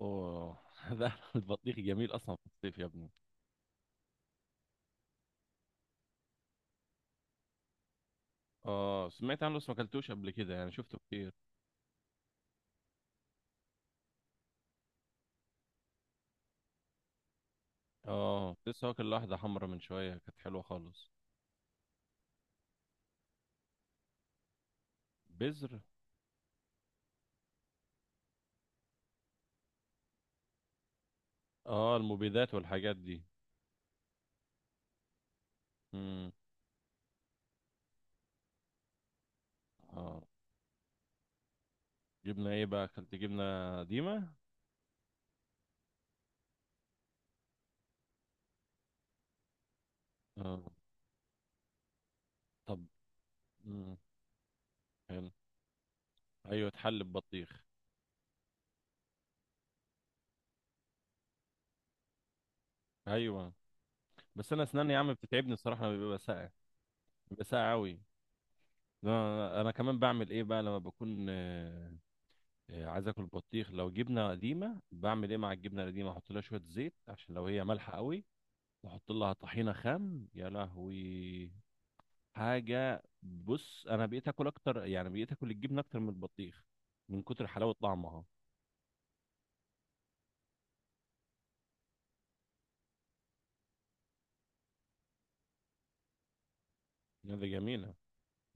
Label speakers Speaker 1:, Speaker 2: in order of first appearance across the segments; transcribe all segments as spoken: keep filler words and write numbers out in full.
Speaker 1: اوه. ده البطيخ جميل اصلا في الصيف يا ابني. اه، سمعت عنه بس ما اكلتوش قبل كده يعني شفته كتير. اه، لسه واكل واحده حمرا من شويه كانت حلوه خالص. بذر. اه، المبيدات والحاجات دي. امم. اه، جبنه ايه بقى، اكلت جبنه قديمه؟ اه. طب. امم. حلو. ايوه، اتحل ببطيخ. ايوه. بس انا اسناني يا عم بتتعبني الصراحه لما بيبقى ساقع، بيبقى ساقع قوي. انا أنا كمان بعمل ايه بقى لما بكون آه، آه، عايز اكل بطيخ. لو جبنه قديمه بعمل ايه مع الجبنه القديمه؟ احط لها شويه زيت عشان لو هي مالحه قوي، واحط لها طحينه خام، يا لهوي. حاجه. بص انا بقيت اكل اكتر، يعني بقيت اكل الجبنه اكتر من البطيخ من كتر حلاوه طعمها. هذا جميله.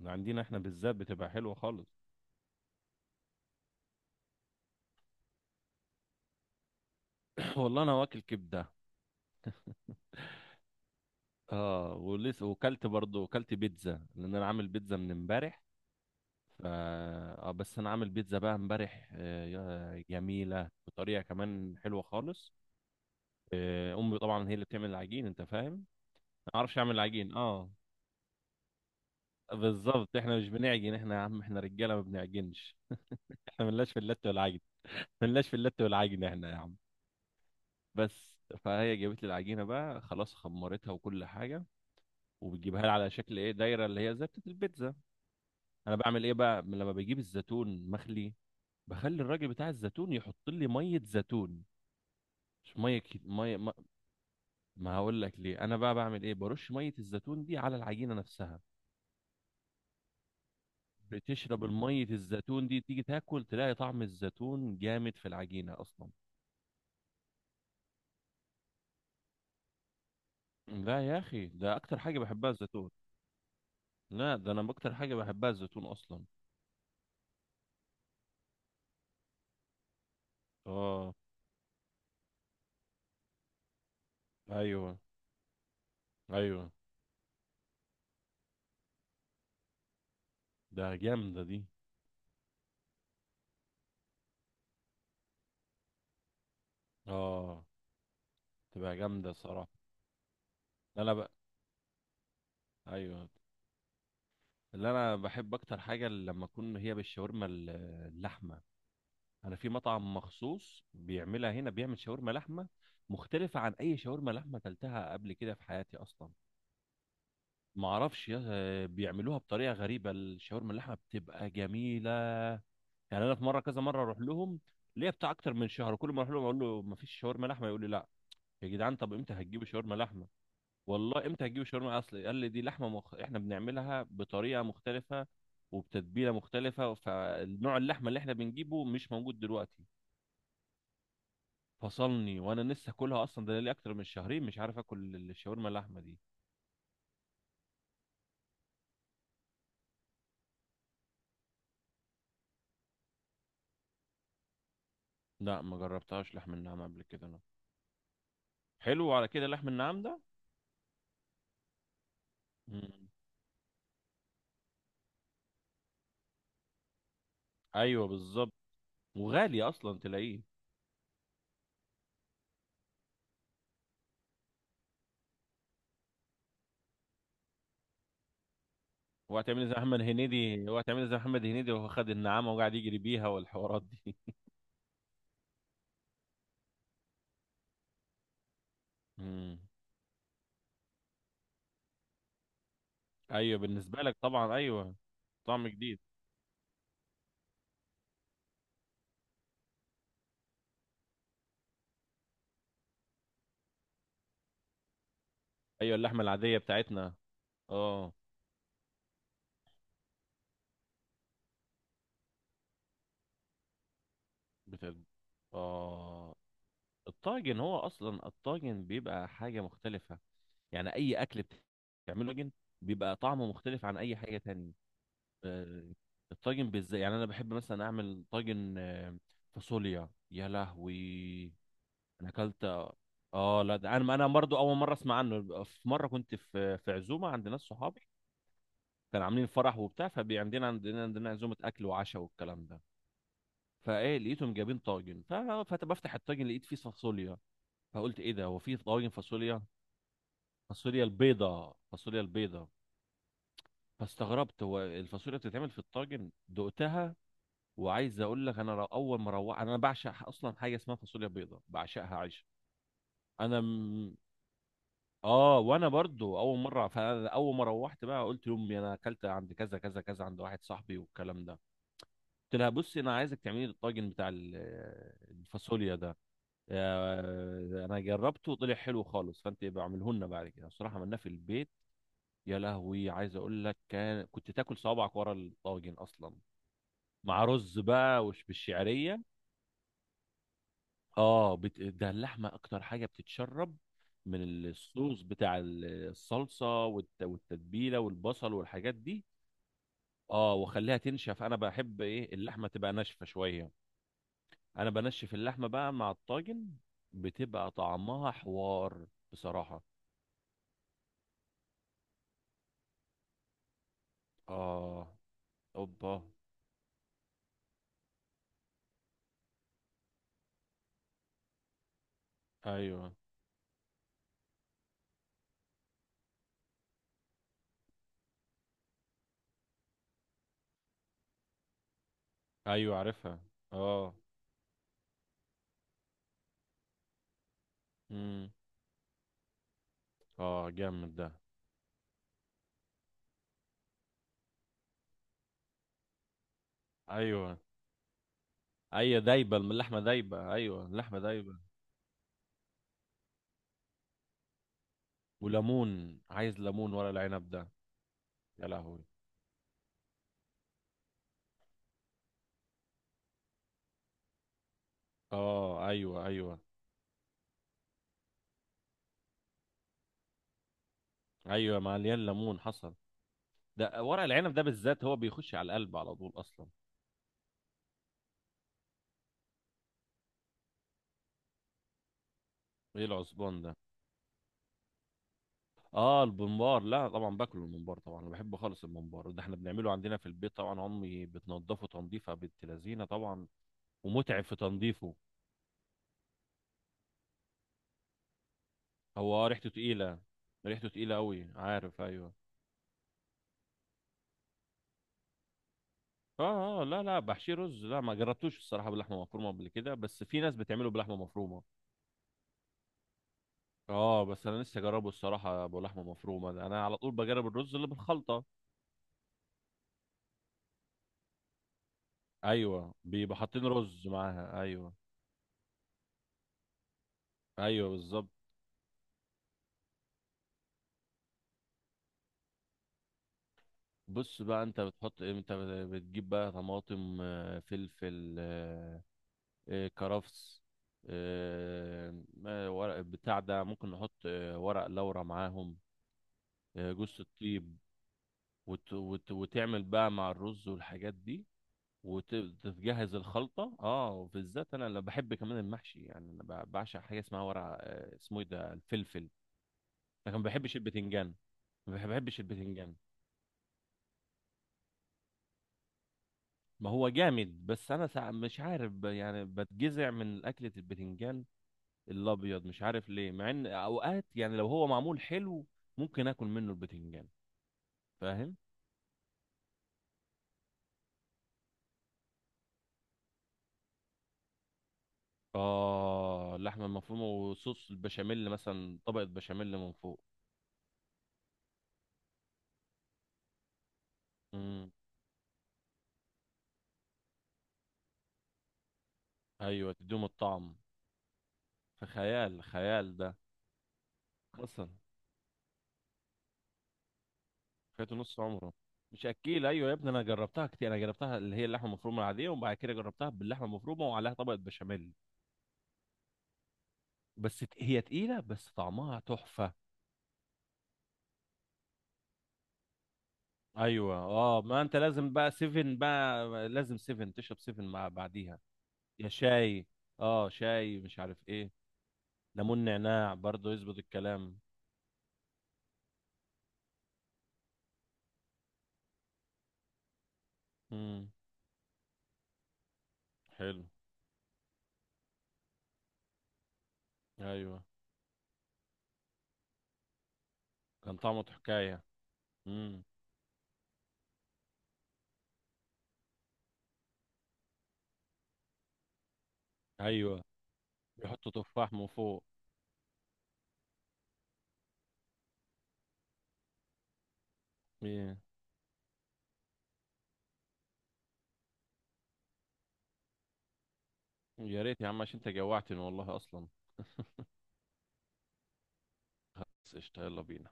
Speaker 1: عندنا احنا بالذات بتبقى حلوه خالص. والله انا واكل كبده. اه، ولسه وكلت برضه، وكلت بيتزا لان انا عامل بيتزا من امبارح. ف اه بس انا عامل بيتزا بقى امبارح. آه، يا- جميله بطريقه كمان حلوه خالص. آه، امي طبعا هي اللي بتعمل العجين، انت فاهم انا ما اعرفش اعمل العجين. اه. بالظبط احنا مش بنعجن احنا يا عم، احنا رجاله ما بنعجنش. احنا ملناش في اللت والعجن، ملناش في اللت والعجن احنا يا عم. بس فهي جابت لي العجينه بقى، خلاص خمرتها وكل حاجه، وبتجيبها لي على شكل ايه؟ دايره، اللي هي زي بتاعت البيتزا. انا بعمل ايه بقى لما بجيب الزيتون؟ مخلي، بخلي الراجل بتاع الزيتون يحط لي ميه زيتون. مش ميه كت- ميه ما. ما هقول لك ليه. انا بقى بعمل ايه؟ برش ميه الزيتون دي على العجينه نفسها. بتشرب المية الزيتون دي، تيجي تاكل تلاقي طعم الزيتون جامد في العجينة أصلا. لا يا أخي، ده أكتر حاجة بحبها الزيتون. لا ده أنا أكتر حاجة بحبها الزيتون أصلا. آه. أيوه. أيوه. ده جامدة دي. آه. تبقى جامدة صراحة. أنا بقى. أيوه. اللي أنا بحب أكتر حاجة لما أكون هي بالشاورما ال- اللحمة. أنا في مطعم مخصوص بيعملها هنا، بيعمل شاورما لحمة مختلفة عن أي شاورما لحمة أكلتها قبل كده في حياتي أصلا. ما اعرفش يا- آه، بيعملوها بطريقه غريبه. الشاورما اللحمه بتبقى جميله. يعني انا في مره، كذا مره اروح لهم ليا بتاع اكتر من شهر، كل ما اروح لهم اقول له ما فيش شاورما لحمه، يقول لي لا. يا جدعان طب امتى هتجيبوا شاورما لحمه؟ والله امتى هتجيبوا شاورما؟ اصل قال لي دي لحمه مخ... احنا بنعملها بطريقه مختلفه وبتتبيله مختلفه، فنوع اللحمه اللي احنا بنجيبه مش موجود دلوقتي. فصلني وانا لسه كلها اصلا، ده لي اكتر من شهرين مش عارف اكل الشاورما اللحمه دي. لا ما جربتهاش لحم النعام قبل كده انا. حلو على كده لحم النعام ده. مم. ايوه بالظبط. وغالي اصلا تلاقيه. هو هتعمل إيه زي محمد هنيدي، هو هتعمل إيه زي محمد هنيدي وهو خد النعامه وقاعد يجري بيها والحوارات دي. مم. ايوه بالنسبه لك طبعا، ايوه. طعم جديد. ايوه اللحمه العاديه بتاعتنا. اه. بتاعت. اه، الطاجن هو اصلا الطاجن بيبقى حاجه مختلفه. يعني اي اكل بتعمله طاجن بيبقى طعمه مختلف عن اي حاجه تانية. آه، الطاجن بالذات يعني انا بحب مثلا اعمل طاجن آه، فاصوليا، يا لهوي. انا اكلت. اه لا، ده انا انا برضو اول مره اسمع عنه. في مره كنت في في عزومه عند ناس صحابي، كانوا عاملين فرح وبتاع، فعندنا عندنا عندنا عندنا عزومه اكل وعشاء والكلام ده. فايه، لقيتهم جايبين طاجن. ف- فبفتح الطاجن لقيت فيه فاصوليا، فقلت ايه ده؟ هو في طاجن فاصوليا؟ فاصوليا البيضه، فاصوليا البيضه. فاستغربت هو الفاصوليا بتتعمل في الطاجن دقتها. وعايز اقول لك انا، رو- اول ما روحت، انا بعشق اصلا حاجه اسمها فاصوليا بيضاء، بعشقها عيش. انا م... اه، وانا برضو اول مره، فانا اول ما روحت بقى قلت لامي انا اكلت عند كذا كذا كذا عند واحد صاحبي والكلام ده. قلت لها بصي انا عايزك تعملي لي الطاجن بتاع ال- الفاصوليا ده. آه، انا جربته وطلع حلو خالص، فانت يبقى اعمله لنا بعد كده. الصراحه عملناه في البيت. يا لهوي عايز اقول لك، كان كنت تاكل صوابعك ورا الطاجن اصلا. مع رز بقى وش بالشعريه. اه بت... ده اللحمه اكتر حاجه بتتشرب من الصوص بتاع ال- الصلصه والت... والتتبيله والبصل والحاجات دي. اه، واخليها تنشف. انا بحب ايه اللحمه تبقى ناشفه شويه. انا بنشف اللحمه بقى مع الطاجن، بتبقى طعمها حوار. بصراحه. اه، اوبا. ايوه ايوه عارفها. اه. امم. اه جامد ده. ايوه ايوه دايبه اللحمه دايبه، ايوه اللحمه دايبه. وليمون. عايز ليمون ورق العنب ده. يا لهوي. اه، ايوه ايوه ايوه، مليان ليمون، حصل. ده ورق العنب ده بالذات هو بيخش على القلب على طول اصلا. ايه العصبان ده؟ اه البمبار. لا طبعا باكله الممبار طبعا، انا بحبه خالص. الممبار ده احنا بنعمله عندنا في البيت طبعا، امي بتنضفه تنظيفه بنت لذينه طبعا، ومتعب في تنظيفه. هو آه، ريحته تقيله، ريحته تقيله قوي، عارف ايوه. اه اه، لا لا، بحشيه رز. لا ما جربتوش الصراحه باللحمه مفرومه قبل كده، بس في ناس بتعمله بلحمه مفرومه. اه بس انا لسه جربه الصراحه بلحمه مفرومه ده. انا على طول بجرب الرز اللي بالخلطه. ايوه بيبقى حاطين رز معاها، ايوه. ايوه بالظبط. بص بقى، انت بتحط ايه انت؟ بتجيب بقى طماطم، آه، فلفل، آه، آه، كرفس آه، آه، ورق بتاع ده، ممكن نحط آه، ورق لورا معاهم. آه، جوز الطيب، وت... وت... وتعمل بقى مع الرز والحاجات دي وتجهز الخلطه. اه، وبالذات انا اللي بحب كمان المحشي. يعني انا ب- بعشق حاجه اسمها ورق، آه، اسمه ايه ده، الفلفل. لكن ما بحبش البتنجان، ما بحب- بحبش البتنجان. ما هو جامد، بس انا سع... مش عارف ب... يعني بتجزع من اكله البتنجان الابيض، مش عارف ليه. مع ان اوقات يعني لو هو معمول حلو ممكن اكل منه البتنجان. فاهم. اه، اللحمه المفرومه وصوص البشاميل مثلا، طبقه بشاميل من فوق. امم. ايوه تدوم الطعم. في خيال. خيال ده اصلا، فاته نص عمره، مش اكيل. ايوه يا ابني انا جربتها كتير. انا جربتها اللي هي اللحمه المفرومه العاديه، وبعد كده جربتها باللحمه المفرومه وعليها طبقه بشاميل. بس ت- هي تقيله بس طعمها تحفه. ايوه اه، ما انت لازم بقى سيفن. بقى لازم سيفن، تشرب سيفن مع بعديها. يا شاي. اه، شاي، مش عارف ايه، ليمون نعناع، برضه يظبط الكلام. امم، حلو. ايوه كان طعمه حكايه. امم. ايوه بيحطوا تفاح من فوق. إيه. يا ريت يا عم عشان انت جوعتني والله اصلا. بس قشطة، يلا بينا.